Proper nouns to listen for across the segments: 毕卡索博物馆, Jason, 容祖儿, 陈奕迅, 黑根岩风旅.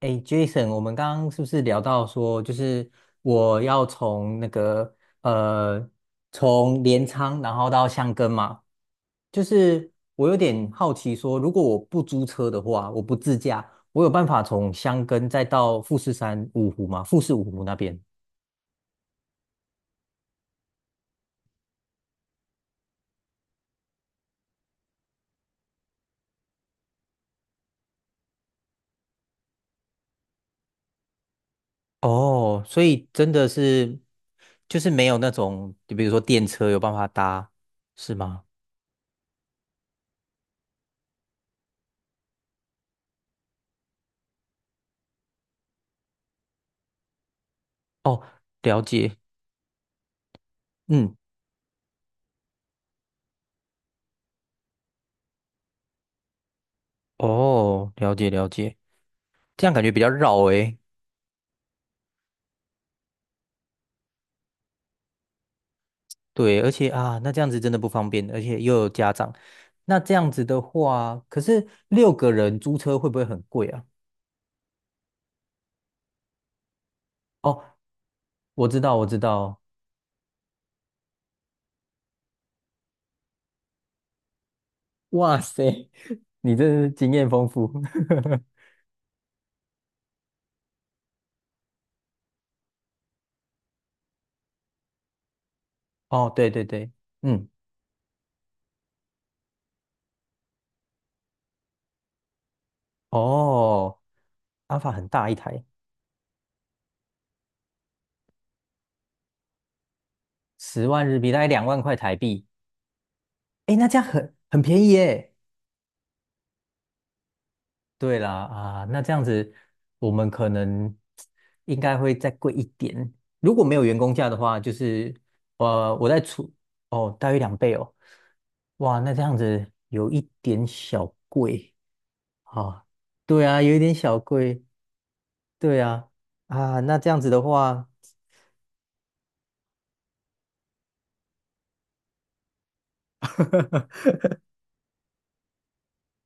哎，Jason，我们刚刚是不是聊到说，就是我要从那个呃，从镰仓然后到箱根嘛？就是我有点好奇说，如果我不租车的话，我不自驾，我有办法从箱根再到富士山五湖吗？富士五湖那边？哦，所以真的是就是没有那种，就比如说电车有办法搭，是吗？哦，了解，嗯，哦，了解了解。这样感觉比较绕诶。对，而且啊，那这样子真的不方便，而且又有家长。那这样子的话，可是六个人租车会不会很贵啊？哦，我知道，我知道。哇塞，你真是经验丰富。哦，对对对，嗯，哦，阿法很大一台，10万日币，大概2万块台币。诶，那这样很便宜耶。对啦，啊，那这样子，我们可能应该会再贵一点。如果没有员工价的话，就是呃，我在出哦，大约2倍哦。哇，那这样子有一点小贵啊。对啊，有一点小贵。对啊，啊，那这样子的话，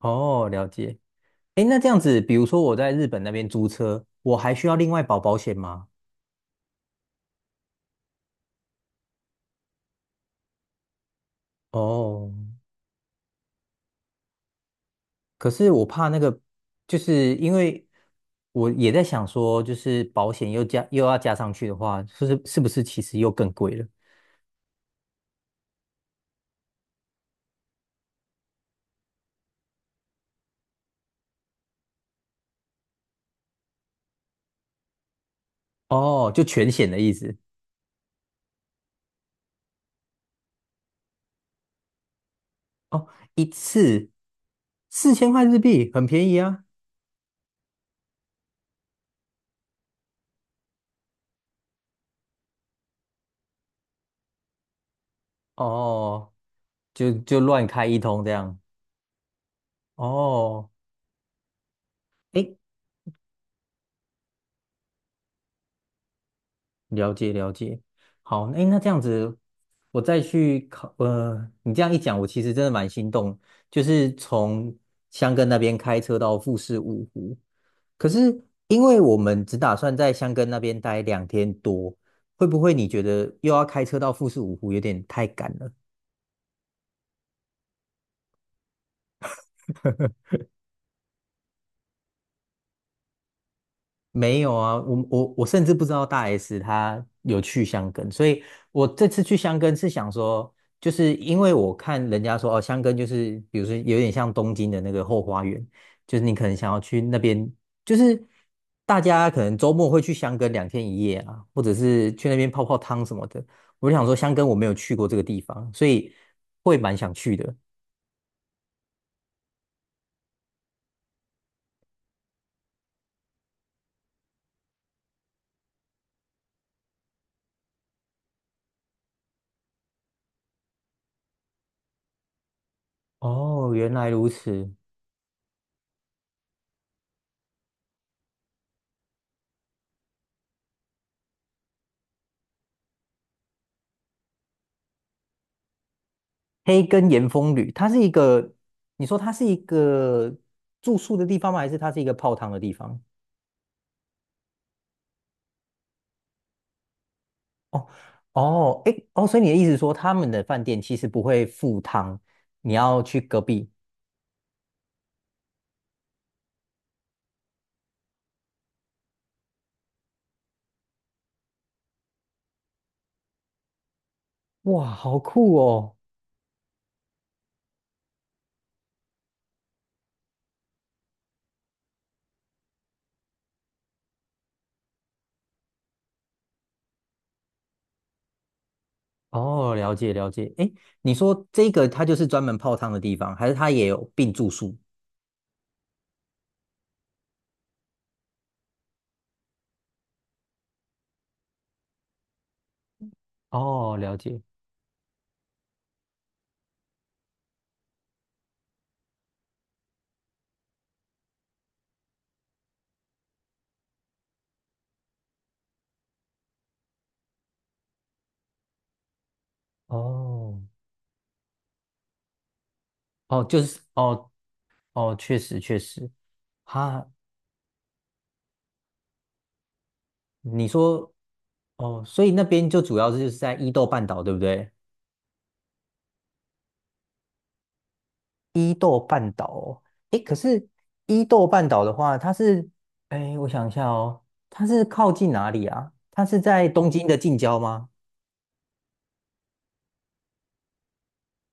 哦，了解。诶，那这样子，比如说我在日本那边租车，我还需要另外保险吗？哦，可是我怕那个，就是因为我也在想说，就是保险又要加上去的话，就是是不是其实又更贵了？哦，就全险的意思哦，一次4000块日币，很便宜啊。哦，就乱开一通这样。哦，哎了解了解，好，哎，那这样子，我再去考，呃，你这样一讲，我其实真的蛮心动，就是从箱根那边开车到富士五湖，可是因为我们只打算在箱根那边待2天多，会不会你觉得又要开车到富士五湖有点太赶了？没有啊，我甚至不知道大 S 她有去香根，所以我这次去香根是想说，就是因为我看人家说哦，香根就是比如说有点像东京的那个后花园，就是你可能想要去那边，就是大家可能周末会去香根两天一夜啊，或者是去那边泡泡汤什么的。我就想说，香根我没有去过这个地方，所以会蛮想去的。哦，原来如此。黑根岩风旅，它是一个，你说它是一个住宿的地方吗？还是它是一个泡汤的地方？哦哦，诶哦，所以你的意思是说他们的饭店其实不会附汤，你要去隔壁？哇，好酷哦！哦，了解了解。诶，你说这个它就是专门泡汤的地方，还是它也有并住宿？哦，了解。哦哦，就是哦哦，确实确实。哈，你说哦，所以那边就主要是就是在伊豆半岛，对不对？伊豆半岛哦，诶，可是伊豆半岛的话，诶，我想一下哦，它是靠近哪里啊？它是在东京的近郊吗？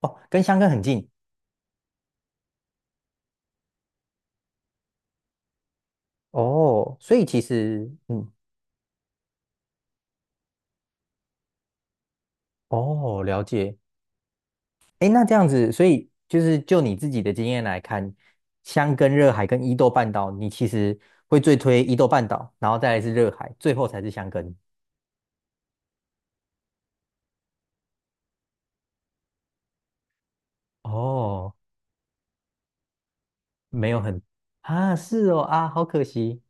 哦，跟箱根很近哦，所以其实，嗯，哦，了解。诶，那这样子，所以就是就你自己的经验来看，箱根热海跟伊豆半岛，你其实会最推伊豆半岛，然后再来是热海，最后才是箱根。哦，没有很啊，是哦啊，好可惜。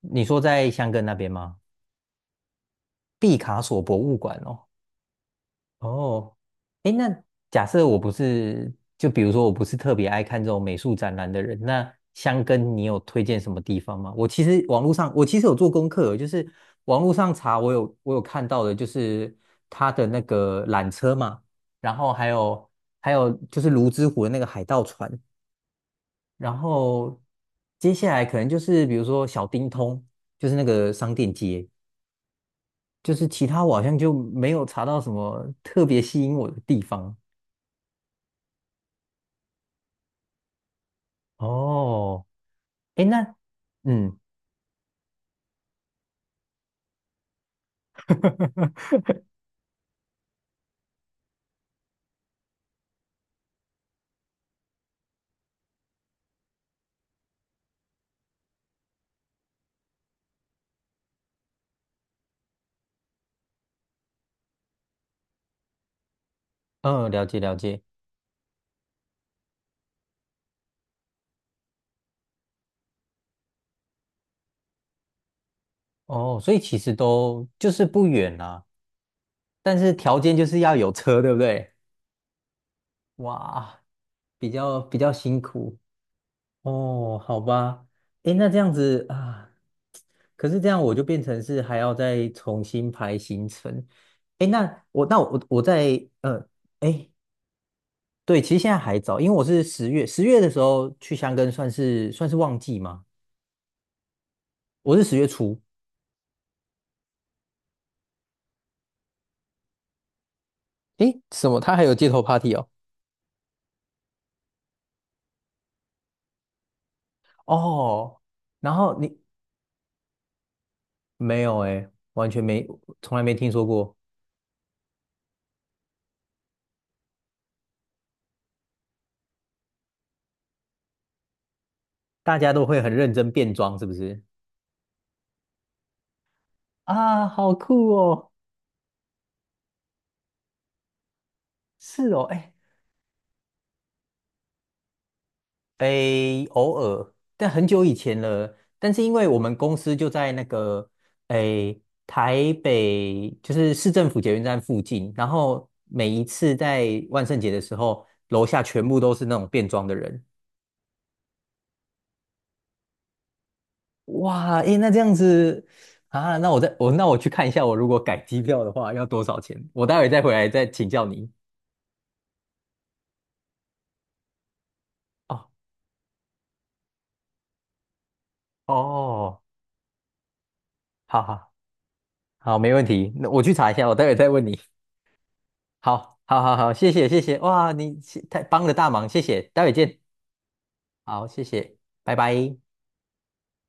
你说在香根那边吗？毕卡索博物馆哦。哦，诶，那假设我不是，就比如说我不是特别爱看这种美术展览的人，那香根你有推荐什么地方吗？我其实有做功课哦，就是网络上查，我有看到的，就是它的那个缆车嘛，然后还有就是泸沽湖的那个海盗船，然后接下来可能就是比如说小丁通，就是那个商店街，就是其他我好像就没有查到什么特别吸引我的地方。哦，哎，那嗯嗯，了解了解。哦，所以其实都就是不远啦，但是条件就是要有车，对不对？哇，比较辛苦。哦，好吧，诶，那这样子啊，可是这样我就变成是还要再重新排行程。诶，那我那我我在呃，诶，对，其实现在还早，因为我是十月的时候去香根算是旺季嘛，我是十月初。诶，什么？他还有街头 party 哦？哦，然后你没有诶，完全没，从来没听说过。大家都会很认真变装，是不是？啊，好酷哦！是哦，哎、诶，偶尔，但很久以前了。但是因为我们公司就在诶台北，就是市政府捷运站附近，然后每一次在万圣节的时候，楼下全部都是那种变装的人。哇，诶，那这样子啊，那我去看一下，我如果改机票的话要多少钱？我待会再回来再请教你。哦哦，好好好，没问题，那我去查一下，我待会再问你。好，好，好，好，谢谢，谢谢，哇，你太帮了大忙，谢谢，待会见，好，谢谢，拜拜。